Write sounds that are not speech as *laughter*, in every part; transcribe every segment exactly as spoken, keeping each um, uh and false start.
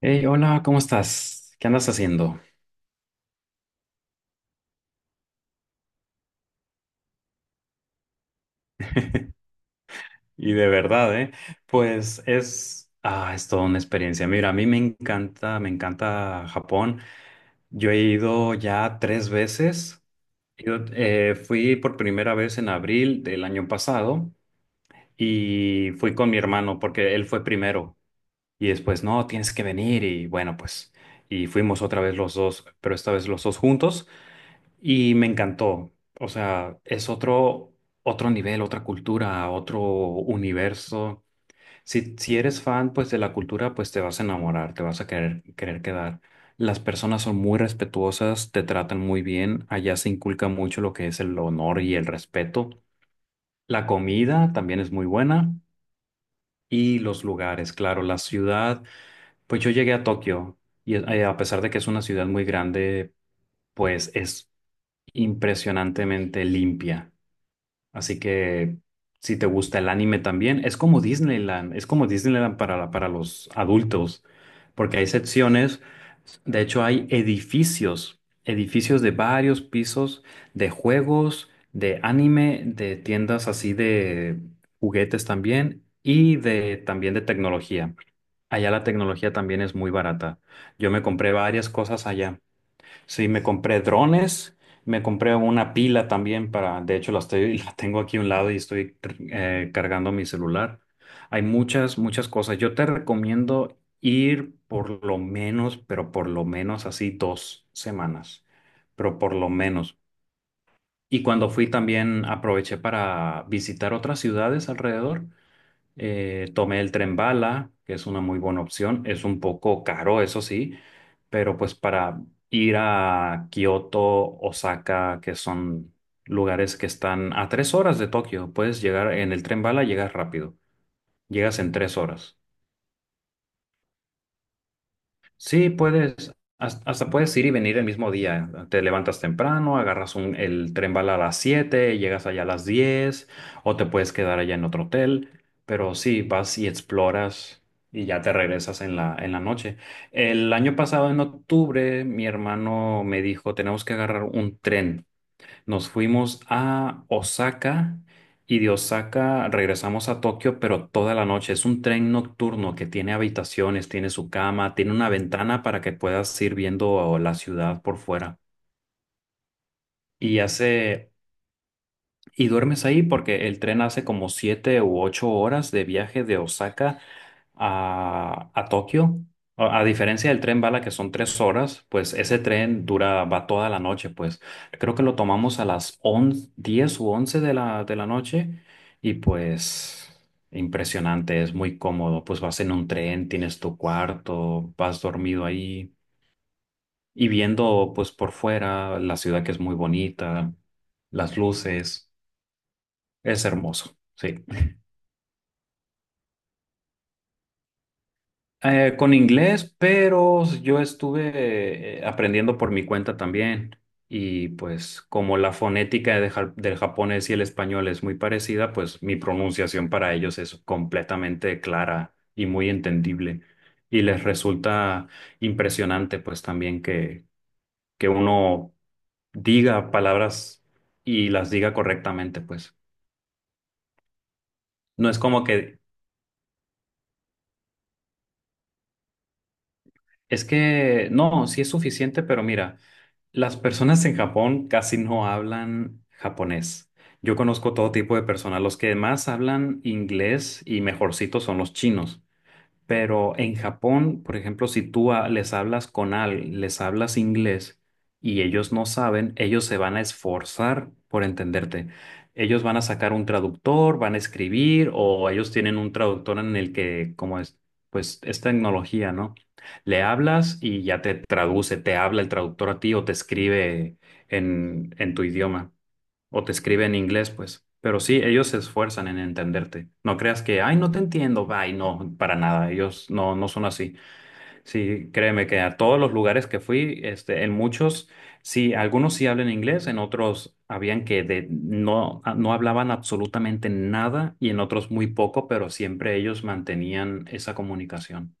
Hey, hola, ¿cómo estás? ¿Qué andas haciendo? Y de verdad, ¿eh? Pues es, ah, es toda una experiencia. Mira, a mí me encanta, me encanta Japón. Yo he ido ya tres veces. Yo, eh, fui por primera vez en abril del año pasado y fui con mi hermano porque él fue primero. Y después, no, tienes que venir y bueno, pues, y fuimos otra vez los dos, pero esta vez los dos juntos. Y me encantó. O sea, es otro, otro nivel, otra cultura, otro universo. Si, si eres fan, pues, de la cultura, pues te vas a enamorar, te vas a querer, querer quedar. Las personas son muy respetuosas, te tratan muy bien. Allá se inculca mucho lo que es el honor y el respeto. La comida también es muy buena. Y los lugares, claro, la ciudad. Pues yo llegué a Tokio y eh, a pesar de que es una ciudad muy grande, pues es impresionantemente limpia. Así que si te gusta el anime también, es como Disneyland, es como Disneyland para, para los adultos, porque hay secciones, de hecho hay edificios, edificios de varios pisos, de juegos, de anime, de tiendas así de juguetes también y de también de tecnología. Allá la tecnología también es muy barata. Yo me compré varias cosas allá. Sí, me compré drones, me compré una pila también para, de hecho la estoy, *laughs* la tengo aquí a un lado y estoy eh, cargando mi celular. Hay muchas, muchas cosas. Yo te recomiendo ir por lo menos, pero por lo menos así dos semanas, pero por lo menos. Y cuando fui también aproveché para visitar otras ciudades alrededor. Eh, tomé el tren bala, que es una muy buena opción. Es un poco caro, eso sí, pero pues para ir a Kioto, Osaka, que son lugares que están a tres horas de Tokio, puedes llegar en el tren bala, llegas rápido, llegas en tres horas. Sí, puedes, has- hasta puedes ir y venir el mismo día. Te levantas temprano, agarras un- el tren bala a las siete, llegas allá a las diez, o te puedes quedar allá en otro hotel, pero sí, vas y exploras y ya te regresas en la, en la noche. El año pasado, en octubre, mi hermano me dijo, tenemos que agarrar un tren. Nos fuimos a Osaka y de Osaka regresamos a Tokio, pero toda la noche. Es un tren nocturno que tiene habitaciones, tiene su cama, tiene una ventana para que puedas ir viendo la ciudad por fuera. Y hace, y duermes ahí porque el tren hace como siete u ocho horas de viaje de Osaka a, a Tokio. A, a diferencia del tren bala, que son tres horas, pues ese tren dura, va toda la noche, pues creo que lo tomamos a las once diez u once de la, de la, noche y pues impresionante, es muy cómodo, pues vas en un tren, tienes tu cuarto, vas dormido ahí y viendo pues por fuera la ciudad que es muy bonita, las luces, es hermoso, sí. Eh, con inglés, pero yo estuve eh, aprendiendo por mi cuenta también. Y pues como la fonética de ja- del japonés y el español es muy parecida, pues mi pronunciación para ellos es completamente clara y muy entendible. Y les resulta impresionante pues también que, que uno diga palabras y las diga correctamente pues. No es como que, es que, no, sí es suficiente, pero mira. Las personas en Japón casi no hablan japonés. Yo conozco todo tipo de personas. Los que más hablan inglés y mejorcitos son los chinos. Pero en Japón, por ejemplo, si tú a- les hablas con alguien, les hablas inglés y ellos no saben, ellos se van a esforzar por entenderte. Ellos van a sacar un traductor, van a escribir o ellos tienen un traductor en el que, como es, pues es tecnología, ¿no? Le hablas y ya te traduce, te habla el traductor a ti o te escribe en, en tu idioma o te escribe en inglés, pues. Pero sí, ellos se esfuerzan en entenderte. No creas que, ay, no te entiendo, ay, no, para nada. Ellos no, no son así. Sí, créeme que a todos los lugares que fui, este, en muchos, sí, algunos sí hablan inglés, en otros habían que de, no, a- no hablaban absolutamente nada y en otros muy poco, pero siempre ellos mantenían esa comunicación.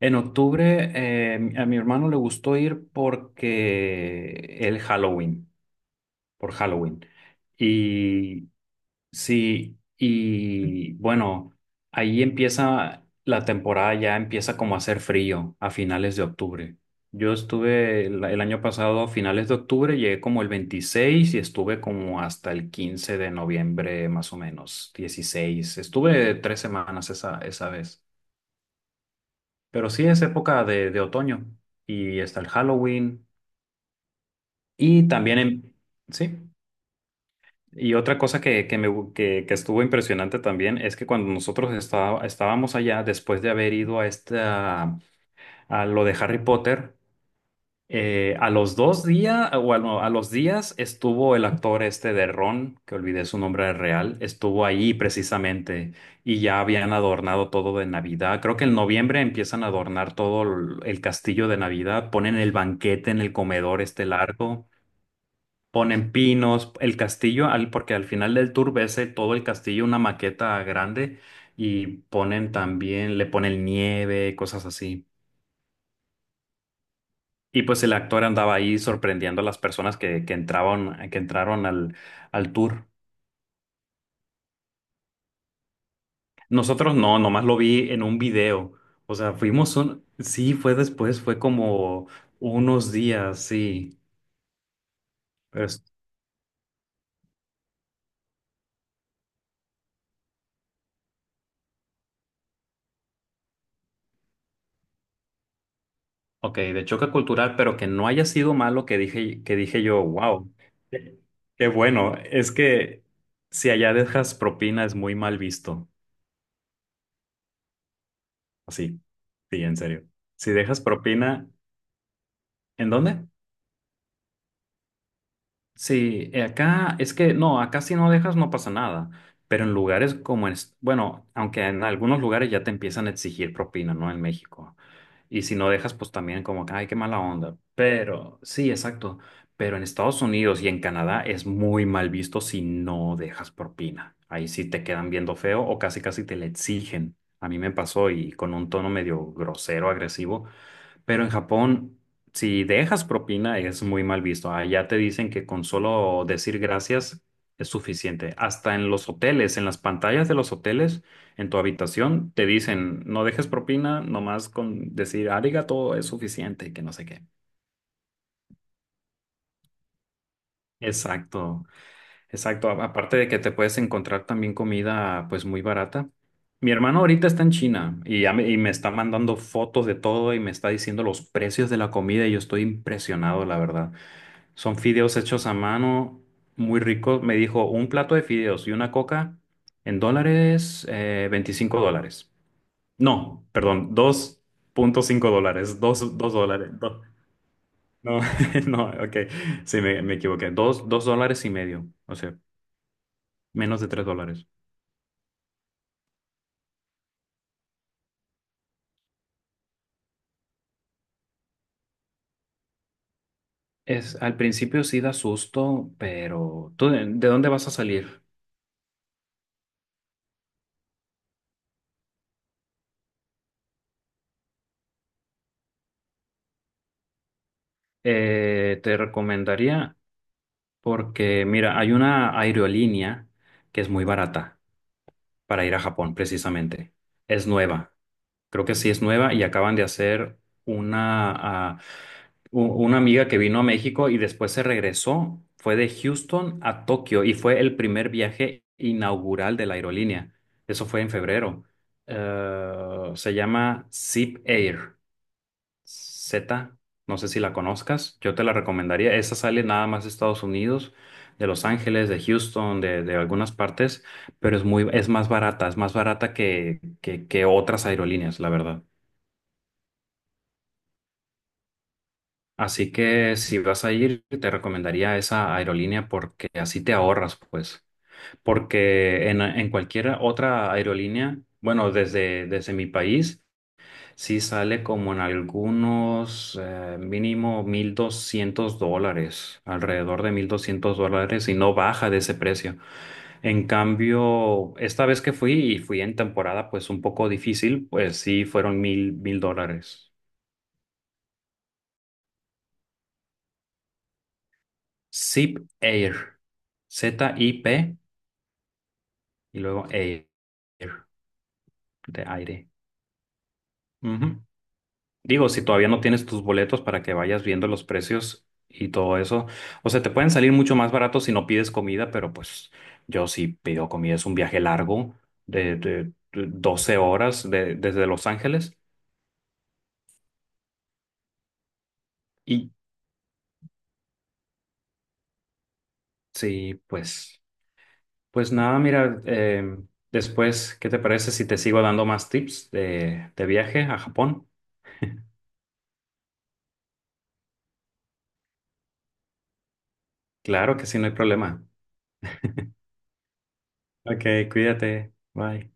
En octubre, eh, a mi hermano le gustó ir porque el Halloween, por Halloween. Y sí, y bueno, ahí empieza la temporada, ya empieza como a hacer frío a finales de octubre. Yo estuve el, el año pasado a finales de octubre, llegué como el veintiséis y estuve como hasta el quince de noviembre, más o menos, dieciséis. Estuve tres semanas esa, esa vez. Pero sí es época de, de otoño y está el Halloween y también en. Sí. Y otra cosa que, que, me, gu- que, que estuvo impresionante también es que cuando nosotros estaba- estábamos allá, después de haber ido a, esta, a lo de Harry Potter, eh, a los dos días, o a, lo- a los días estuvo el actor este de Ron, que olvidé su nombre real, estuvo ahí precisamente y ya habían adornado todo de Navidad. Creo que en noviembre empiezan a adornar todo el el castillo de Navidad, ponen el banquete en el comedor este largo. Ponen pinos, el castillo, al- porque al final del tour ves eh, todo el castillo, una maqueta grande, y ponen también, le ponen nieve, cosas así. Y pues el actor andaba ahí sorprendiendo a las personas que, que entraban, que entraron al, al, tour. Nosotros no, nomás lo vi en un video. O sea, fuimos un, sí, fue después, fue como unos días, sí. Ok, de choque cultural, pero que no haya sido malo que dije, que dije yo, wow, qué qué bueno. Es que si allá dejas propina es muy mal visto. Así, sí, en serio. Si dejas propina, ¿en dónde? Sí, eh, acá es que no, acá si no dejas no pasa nada. Pero en lugares como en, es- bueno, aunque en algunos lugares ya te empiezan a exigir propina, ¿no? En México. Y si no dejas, pues también como que, ay, qué mala onda. Pero, sí, exacto. Pero en Estados Unidos y en Canadá es muy mal visto si no dejas propina. Ahí sí te quedan viendo feo o casi casi te la exigen. A mí me pasó y con un tono medio grosero, agresivo, pero en Japón, si dejas propina, es muy mal visto. Allá te dicen que con solo decir gracias es suficiente. Hasta en los hoteles, en las pantallas de los hoteles, en tu habitación, te dicen, no dejes propina, nomás con decir arigato es suficiente, y que no sé qué. Exacto, exacto. A- Aparte de que te puedes encontrar también comida pues muy barata. Mi hermano ahorita está en China y, ya me, y me está mandando fotos de todo y me está diciendo los precios de la comida y yo estoy impresionado, la verdad. Son fideos hechos a mano, muy ricos. Me dijo un plato de fideos y una coca en dólares, eh, veinticinco dólares. No, perdón, dos punto cinco dólares, dos dos dólares. Do- no, *laughs* no, ok, sí, me, me equivoqué. dos dos dólares y medio, o sea, menos de tres dólares. Es, al principio sí da susto, pero ¿tú de, de dónde vas a salir? Eh, te recomendaría, porque mira, hay una aerolínea que es muy barata. Para ir a Japón, precisamente. Es nueva, creo que sí es nueva y acaban de hacer una, ah, u- una amiga que vino a México y después se regresó, fue de Houston a Tokio y fue el primer viaje inaugural de la aerolínea. Eso fue en febrero. Eh, se llama Zip Air. Z, no sé si la conozcas, yo te la recomendaría. Esa sale nada más de Estados Unidos, de Los Ángeles, de Houston, de, de algunas partes, pero es muy, es más barata, es más barata que, que, que otras aerolíneas, la verdad. Así que si vas a ir, te recomendaría esa aerolínea porque así te ahorras, pues. Porque en, en cualquier otra aerolínea, bueno, desde, desde mi país. Sí, sale como en algunos eh, mínimo mil doscientos dólares, alrededor de mil doscientos dólares y no baja de ese precio. En cambio, esta vez que fui y fui en temporada pues un poco difícil, pues sí fueron mil mil dólares. Zip Air, Z I P y luego Air, de aire. Ujú. Digo, si todavía no tienes tus boletos para que vayas viendo los precios y todo eso, o sea, te pueden salir mucho más baratos si no pides comida, pero pues yo sí pido comida, es un viaje largo de, de- de doce horas de- desde Los Ángeles. Y sí, pues, pues, nada, mira, eh, después, ¿qué te parece si te sigo dando más tips de, de viaje a Japón? Claro que sí, no hay problema. Ok, cuídate, bye.